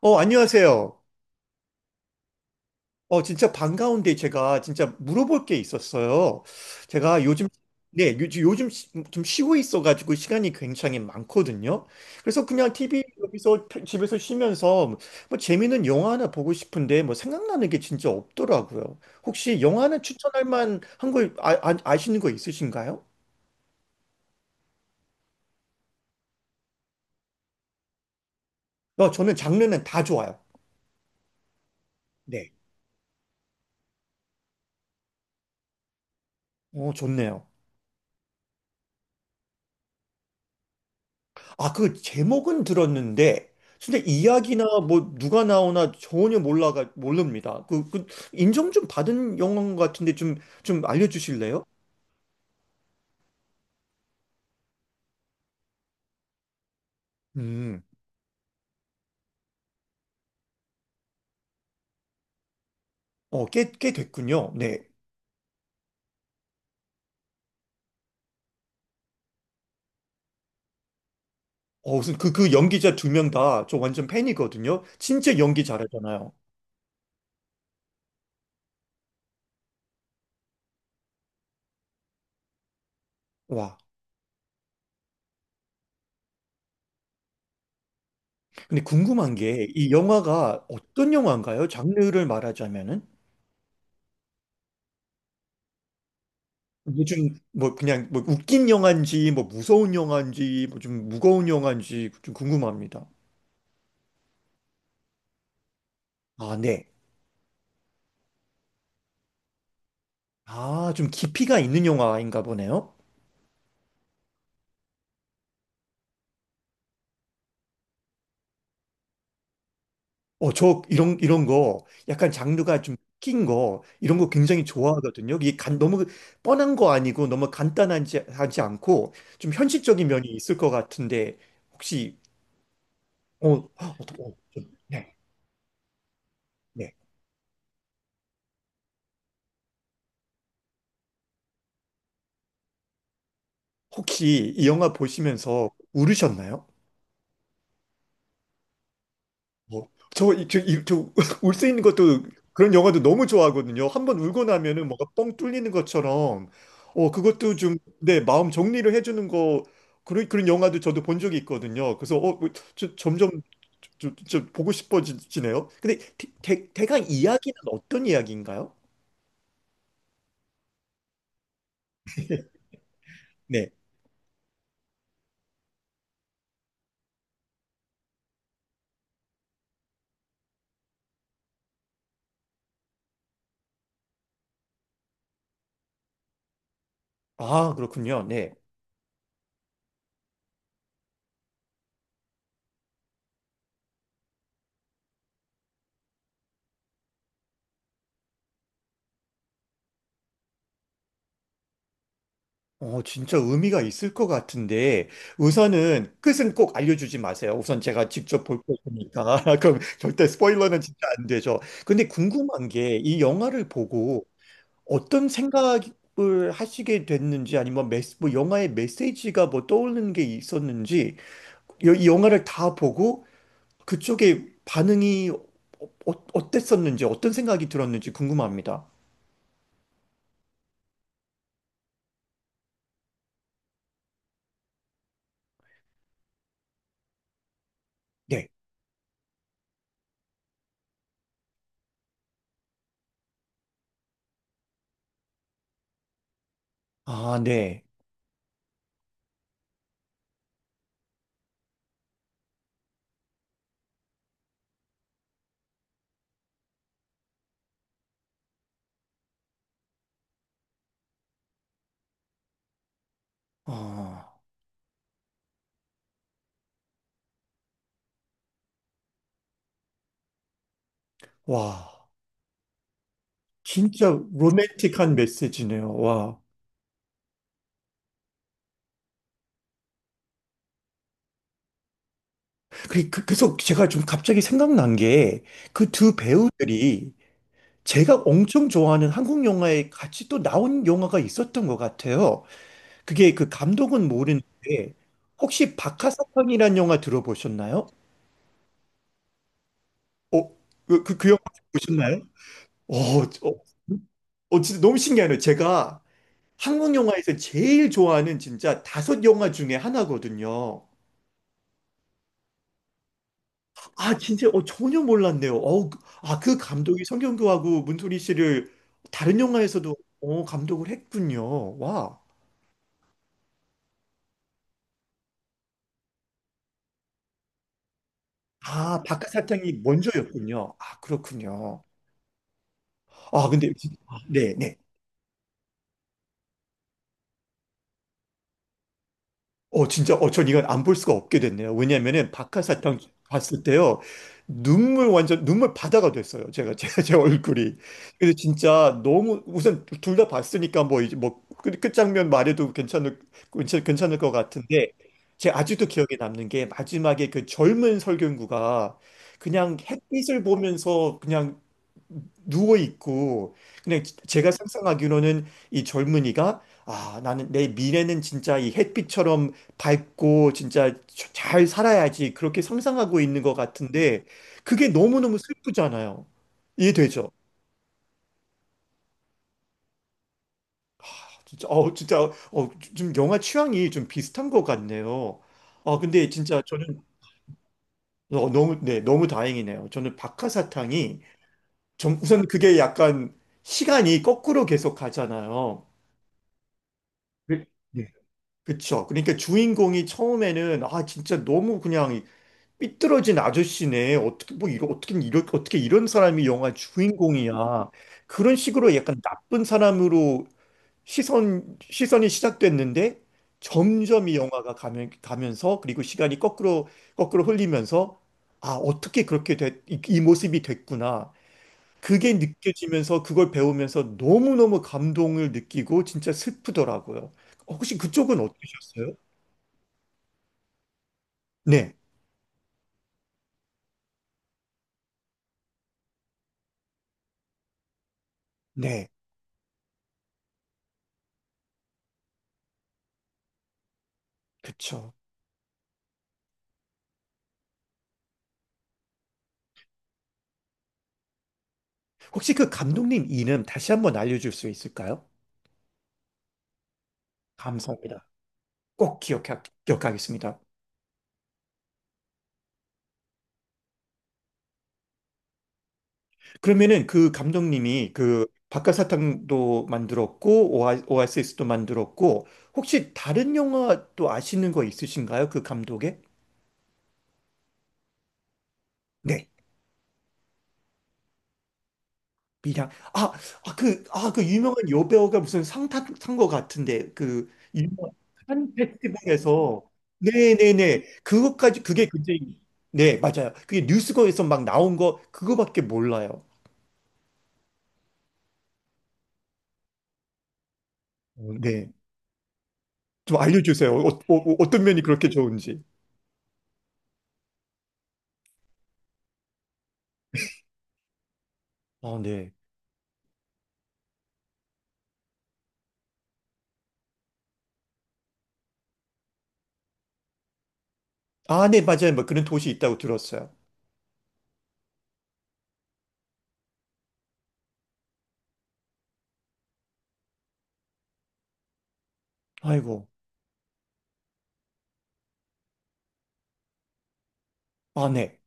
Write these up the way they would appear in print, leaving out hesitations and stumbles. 안녕하세요. 진짜 반가운데 제가 진짜 물어볼 게 있었어요. 제가 요즘, 네, 요즘 좀 쉬고 있어가지고 시간이 굉장히 많거든요. 그래서 그냥 TV 여기서 집에서 쉬면서 뭐 재밌는 영화 하나 보고 싶은데 뭐 생각나는 게 진짜 없더라고요. 혹시 영화 하나 추천할 만한 걸 아시는 거 있으신가요? 저는 장르는 다 좋아요. 네. 좋네요. 아, 그 제목은 들었는데, 근데 이야기나 뭐 누가 나오나 전혀 몰라가 모릅니다. 그 인정 좀 받은 영화인 것 같은데 좀 알려주실래요? 음, 꽤 됐군요. 네. 무슨 그 연기자 두 명 다 저 완전 팬이거든요. 진짜 연기 잘하잖아요. 와. 근데 궁금한 게 이 영화가 어떤 영화인가요? 장르를 말하자면은? 요즘 뭐 그냥 뭐 웃긴 영화인지 뭐 무서운 영화인지 뭐 좀 무거운 영화인지 좀 궁금합니다. 아, 네. 아, 좀 깊이가 있는 영화인가 보네요. 저 이런 이런 거 약간 장르가 좀 낀 거, 이런 거 굉장히 좋아하거든요. 이게 너무 뻔한 거 아니고 너무 간단하지 하지 않고 좀 현실적인 면이 있을 것 같은데 혹시 어, 어, 어, 네, 네. 혹시 이 영화 보시면서 울으셨나요? 어, 저, 이- 저, 이- 저, 울수 있는 것도 그런 영화도 너무 좋아하거든요. 한 번 울고 나면은 뭔가 뻥 뚫리는 것처럼, 그것도 좀, 네, 마음 정리를 해주는 거, 그런 영화도 저도 본 적이 있거든요. 그래서, 뭐, 점점 저 보고 싶어지네요. 근데 대강 이야기는 어떤 이야기인가요? 네. 아, 그렇군요. 네. 진짜 의미가 있을 것 같은데, 우선은 끝은 꼭 알려주지 마세요. 우선 제가 직접 볼 거니까. 그럼 절대 스포일러는 진짜 안 되죠. 근데 궁금한 게, 이 영화를 보고 어떤 생각을 하시게 됐는지, 아니면 뭐 영화의 메시지가 뭐 떠오르는 게 있었는지, 이 영화를 다 보고 그쪽에 반응이 어땠었는지, 어떤 생각이 들었는지 궁금합니다. 네. 아, 네. 아, 와. 진짜 로맨틱한 메시지네요. 와. 그래서 제가 좀 갑자기 생각난 게 그 두 배우들이 제가 엄청 좋아하는 한국 영화에 같이 또 나온 영화가 있었던 것 같아요. 그게 그 감독은 모르는데 혹시 박하사탕이라는 영화 들어보셨나요? 어, 그 영화 보셨나요? 어, 어, 진짜 너무 신기하네요. 제가 한국 영화에서 제일 좋아하는 진짜 다섯 영화 중에 하나거든요. 아, 진짜, 전혀 몰랐네요. 아, 그 감독이 성경교하고 문소리 씨를 다른 영화에서도 감독을 했군요. 와. 아, 바깥사탕이 먼저였군요. 아, 그렇군요. 아, 근데, 아, 네, 네. 진짜, 전 이건 안 볼 수가 없게 됐네요. 왜냐면은 박하사탕 봤을 때요. 눈물 완전, 눈물 바다가 됐어요. 제가, 제 얼굴이. 그래서 진짜 너무, 우선 둘 다 봤으니까 뭐, 이제 뭐, 끝장면 말해도 괜찮을 것 같은데, 제 아직도 기억에 남는 게 마지막에 그 젊은 설경구가 그냥 햇빛을 보면서 그냥 누워 있고 근데 제가 상상하기로는 이 젊은이가 아 나는 내 미래는 진짜 이 햇빛처럼 밝고 진짜 잘 살아야지 그렇게 상상하고 있는 것 같은데 그게 너무너무 슬프잖아요. 이해되죠? 진짜 진짜 좀 영화 취향이 좀 비슷한 것 같네요. 아 근데 진짜 저는 너무, 네, 너무 다행이네요. 저는 박하사탕이 전 우선 그게 약간 시간이 거꾸로 계속 가잖아요. 네, 그쵸. 그러니까 주인공이 처음에는 아 진짜 너무 그냥 삐뚤어진 아저씨네. 어떻게 뭐 어떻게 어떻게 이런 사람이 영화 주인공이야. 그런 식으로 약간 나쁜 사람으로 시선이 시작됐는데 점점 이 영화가 가면서 그리고 시간이 거꾸로 거꾸로 흘리면서 아 어떻게 그렇게 이 모습이 됐구나. 그게 느껴지면서 그걸 배우면서 너무너무 감동을 느끼고 진짜 슬프더라고요. 혹시 그쪽은 어떠셨어요? 네, 네, 그쵸. 혹시 그 감독님 이름 다시 한번 알려줄 수 있을까요? 감사합니다. 꼭 기억하겠습니다. 그러면은 그 감독님이 그 박하사탕도 만들었고, 오아시스도 만들었고, 혹시 다른 영화 또 아시는 거 있으신가요? 그 감독의? 네. 미량. 그 유명한 여배우가 무슨 상 탄거 같은데, 그, 유명한 한 페스티벌에서. 네네네. 그것까지, 그게 그때, 네, 맞아요. 그게 뉴스거에서 막 나온 거, 그거밖에 몰라요. 네. 좀 알려주세요. 어떤 면이 그렇게 좋은지. 아, 네. 아, 네, 맞아요. 뭐 그런 도시 있다고 들었어요. 아이고. 아, 네.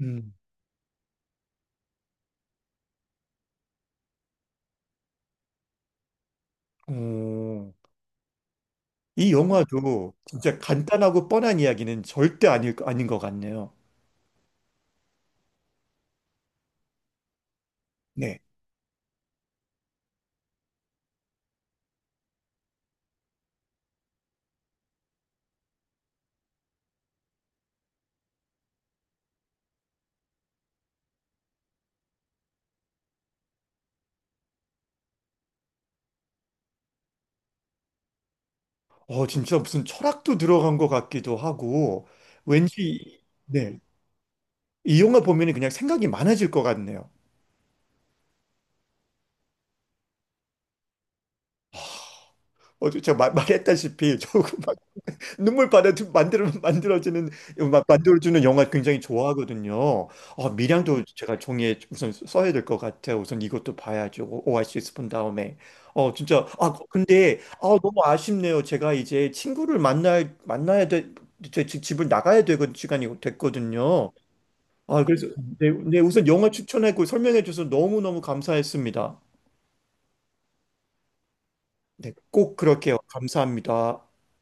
음. 어, 이 영화도 진짜 간단하고 뻔한 이야기는 절대 아닌 것 같네요. 네. 진짜 무슨 철학도 들어간 것 같기도 하고, 왠지, 네. 이 영화 보면 그냥 생각이 많아질 것 같네요. 제가 말했다시피, 조금 막 눈물 만들어지는, 막 만들어주는 영화 굉장히 좋아하거든요. 미량도 제가 종이에 우선 써야 될 것 같아요. 우선 이것도 봐야죠. 오아시스 본 다음에. 진짜, 아, 근데, 아, 너무 아쉽네요. 제가 이제 친구를 만나야 돼, 제 집을 나가야 되는 시간이 됐거든요. 아, 그래서 네, 네, 우선 영화 추천하고 설명해 줘서 너무너무 감사했습니다. 네, 꼭 그렇게요. 감사합니다.